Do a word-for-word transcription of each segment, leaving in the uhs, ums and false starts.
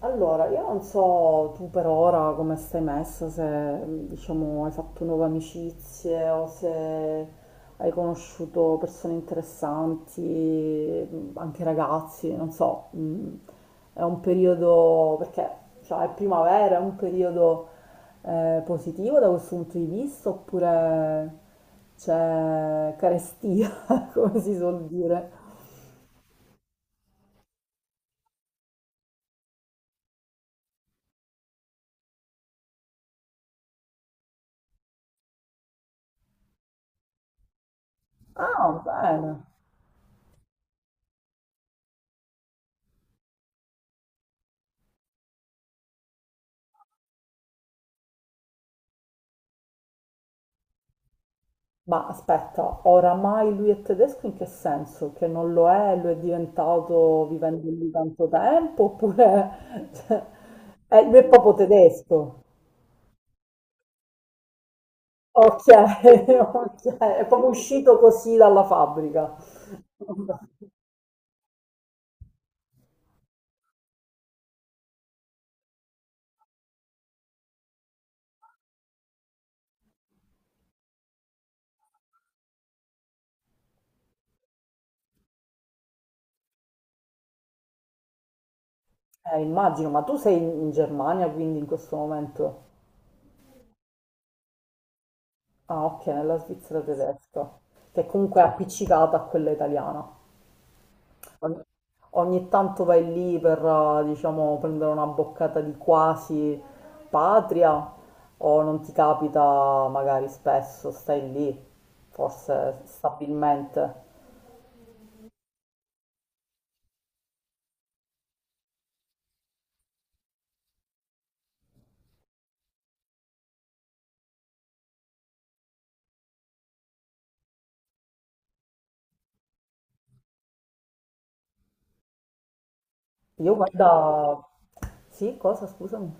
Allora, io non so tu per ora come stai messa, se diciamo hai fatto nuove amicizie o se hai conosciuto persone interessanti, anche ragazzi, non so, mm, è un periodo, perché cioè, è primavera, è un periodo eh, positivo da questo punto di vista oppure c'è carestia, come si suol dire? Ah, bene. Ma aspetta, oramai lui è tedesco in che senso? Che non lo è, lo è diventato vivendo lì tanto tempo? Oppure cioè, è, lui è proprio tedesco? Ok, ok, è proprio uscito così dalla fabbrica. Eh, immagino, ma tu sei in, in Germania quindi in questo momento? Ah, ok, nella Svizzera tedesca, che comunque è appiccicata a quella italiana. Ogni ogni tanto vai lì per, eh, diciamo, prendere una boccata di quasi patria o non ti capita magari spesso, stai lì, forse stabilmente. Io guarda... Sì, cosa? Scusami.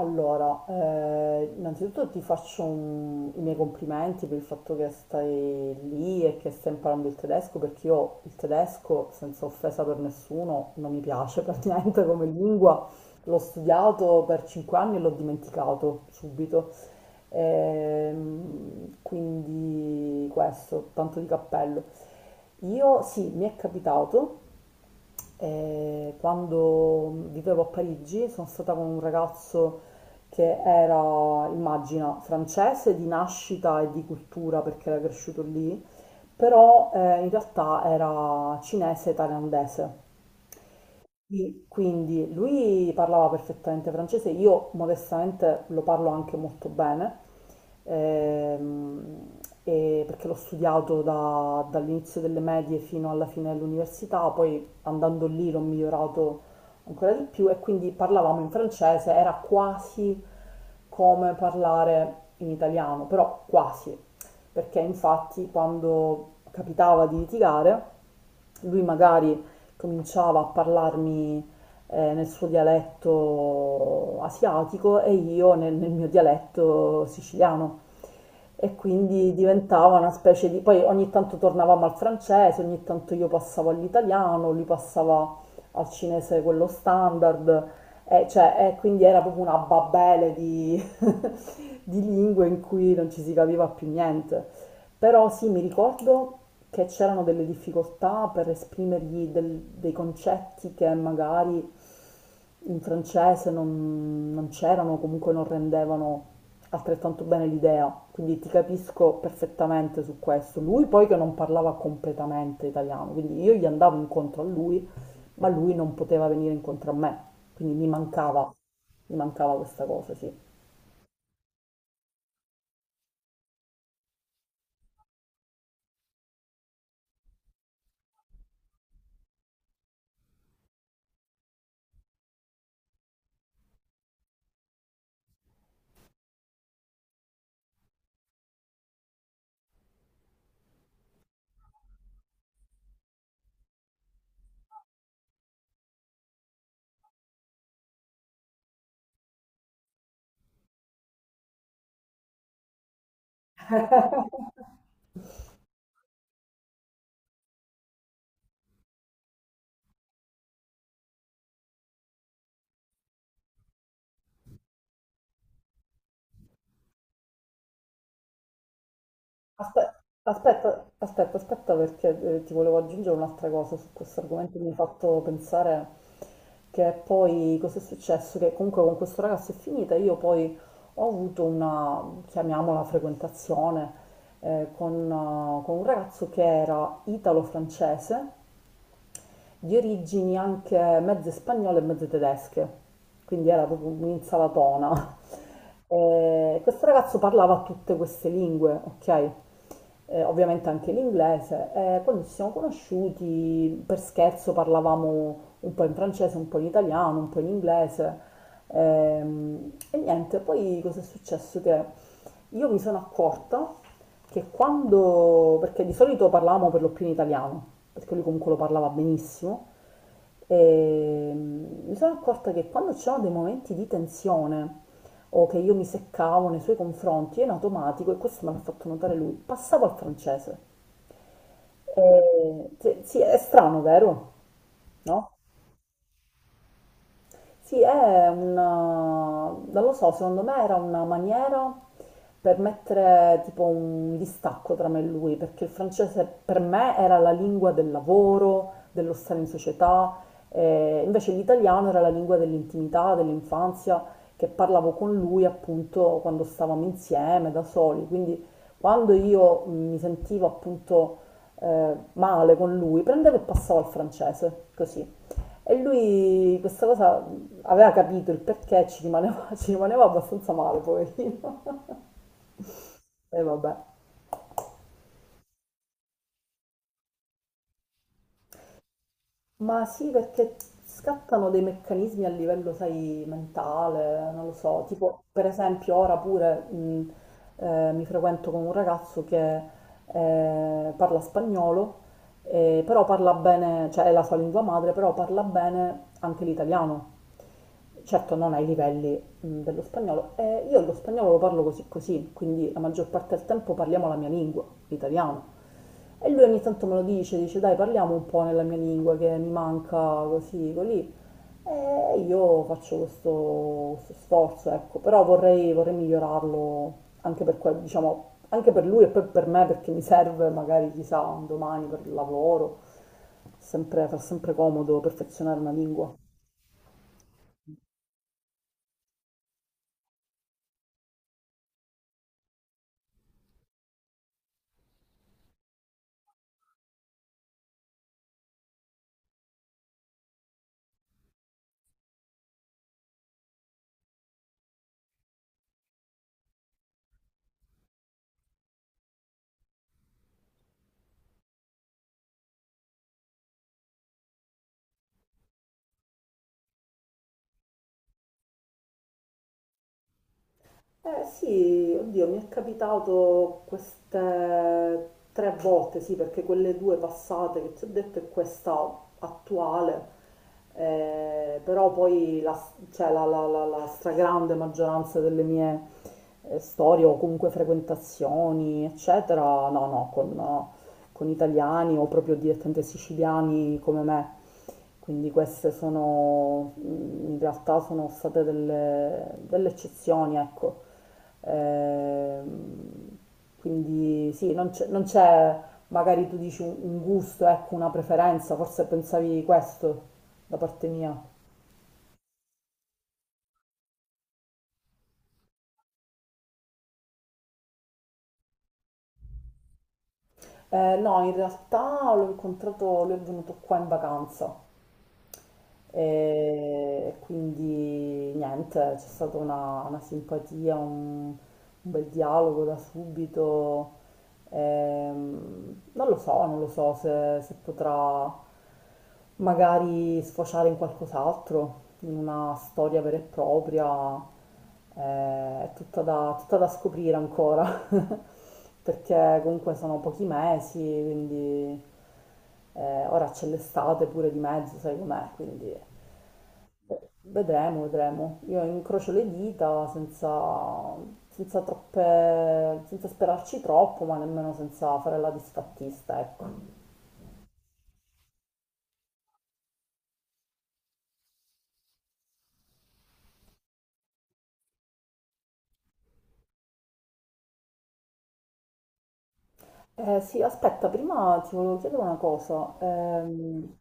Allora, eh, innanzitutto ti faccio un- i miei complimenti per il fatto che stai lì e che stai imparando il tedesco, perché io il tedesco, senza offesa per nessuno, non mi piace praticamente come lingua. L'ho studiato per cinque anni e l'ho dimenticato subito. Ehm, quindi questo, tanto di cappello. Io sì, mi è capitato. Ehm, quando vivevo a Parigi sono stata con un ragazzo che era, immagina, francese di nascita e di cultura perché era cresciuto lì, però eh, in realtà era cinese e thailandese. Sì, quindi lui parlava perfettamente francese, io modestamente lo parlo anche molto bene, ehm, e perché l'ho studiato da- dall'inizio delle medie fino alla fine dell'università, poi andando lì l'ho migliorato ancora di più e quindi parlavamo in francese, era quasi come parlare in italiano, però quasi, perché infatti quando capitava di litigare lui magari cominciava a parlarmi eh, nel suo dialetto asiatico e io nel, nel mio dialetto siciliano. E quindi diventava una specie di. Poi ogni tanto tornavamo al francese, ogni tanto io passavo all'italiano, lui passava al cinese quello standard, e, cioè, e quindi era proprio una babele di, di lingue in cui non ci si capiva più niente. Però sì, mi ricordo che c'erano delle difficoltà per esprimergli del- dei concetti che magari in francese non, non c'erano, comunque non rendevano altrettanto bene l'idea. Quindi ti capisco perfettamente su questo. Lui poi che non parlava completamente italiano, quindi io gli andavo incontro a lui, ma lui non poteva venire incontro a me. Quindi mi mancava, mi mancava questa cosa, sì. Aspe- Aspetta, aspetta, aspetta, perché eh, ti volevo aggiungere un'altra cosa su questo argomento. Mi hai fatto pensare che poi cosa è successo? Che comunque con questo ragazzo è finita. Io poi ho avuto una, chiamiamola, frequentazione eh, con, eh, con un ragazzo che era italo-francese di origini anche mezze spagnole e mezze tedesche, quindi era proprio un'insalatona. E questo ragazzo parlava tutte queste lingue, ok? Eh, ovviamente anche l'inglese. E quando ci siamo conosciuti, per scherzo parlavamo un po' in francese, un po' in italiano, un po' in inglese. Ehm, E, niente, poi cosa è successo? Che io mi sono accorta che quando, perché di solito parlavamo per lo più in italiano, perché lui comunque lo parlava benissimo, e mm, mi sono accorta che quando c'erano dei momenti di tensione o che io mi seccavo nei suoi confronti, io in automatico, e questo me l'ha fatto notare lui, passavo al francese. E, sì, sì, è strano, vero? No? Sì, è una, non lo so, secondo me era una maniera per mettere tipo un distacco tra me e lui, perché il francese per me era la lingua del lavoro, dello stare in società, eh, invece l'italiano era la lingua dell'intimità, dell'infanzia, che parlavo con lui appunto quando stavamo insieme, da soli, quindi quando io mi sentivo appunto eh, male con lui, prendevo e passavo al francese, così. E lui questa cosa aveva capito il perché, ci rimaneva, ci rimaneva abbastanza male, poverino. E vabbè. Ma sì, perché scattano dei meccanismi a livello, sai, mentale, non lo so. Tipo, per esempio, ora pure mh, eh, mi frequento con un ragazzo che eh, parla spagnolo, eh, però parla bene, cioè è la sua lingua madre, però parla bene anche l'italiano. Certo, non ai livelli mm, dello spagnolo. E io lo spagnolo lo parlo così così, quindi la maggior parte del tempo parliamo la mia lingua, l'italiano. E lui ogni tanto me lo dice, dice dai parliamo un po' nella mia lingua che mi manca così, così. E io faccio questo, questo sforzo, ecco, però vorrei, vorrei migliorarlo anche per, que- diciamo, anche per lui e poi per me perché mi serve magari chissà un domani per il lavoro, sempre, fa sempre comodo perfezionare una lingua. Eh sì, oddio, mi è capitato queste tre volte, sì, perché quelle due passate che ti ho detto e questa attuale, eh, però poi la, cioè, la- la- la- la stragrande maggioranza delle mie eh, storie o comunque frequentazioni, eccetera, no, no, con, no, con italiani o proprio direttamente siciliani come me. Quindi queste sono, in realtà sono state delle, delle eccezioni, ecco. Ehm, quindi sì, non c'è, non c'è, magari tu dici un, un gusto, ecco, una preferenza, forse pensavi questo da parte mia. Eh, no, in realtà l'ho incontrato, lui è venuto qua in vacanza. E quindi niente, c'è stata una, una simpatia, un, un bel dialogo da subito. Ehm, non lo so, non lo so se, se potrà magari sfociare in qualcos'altro, in una storia vera e propria. Eh, è tutta da, tutta da scoprire ancora, perché comunque sono pochi mesi, quindi... Eh, ora c'è l'estate pure di mezzo, sai com'è, quindi vedremo, vedremo. Io incrocio le dita senza, senza troppe, senza sperarci troppo, ma nemmeno senza fare la disfattista, ecco. Eh, sì, aspetta, prima ti volevo chiedere una cosa. Ehm,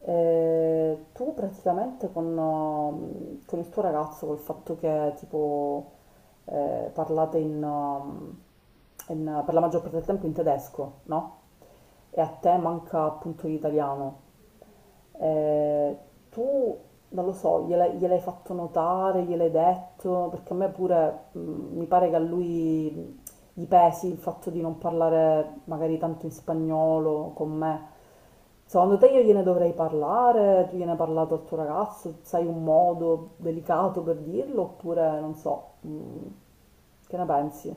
eh, tu praticamente con, um, con il tuo ragazzo, col fatto che tipo eh, parlate in, um, in- per la maggior parte del tempo in tedesco, no? E a te manca appunto l'italiano. Ehm, tu, non lo so, gliel'hai gliel'hai fatto notare, gliel'hai detto, perché a me pure mh, mi pare che a lui mh, gli pesi il fatto di non parlare magari tanto in spagnolo con me. Secondo te io gliene dovrei parlare? Tu gliene hai parlato al tuo ragazzo? Sai un modo delicato per dirlo? Oppure non so, mh, che ne pensi?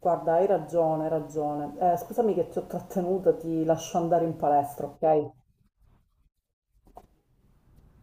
Guarda, hai ragione, hai ragione. Eh, scusami che ti ho trattenuta, ti lascio andare in palestra, ok?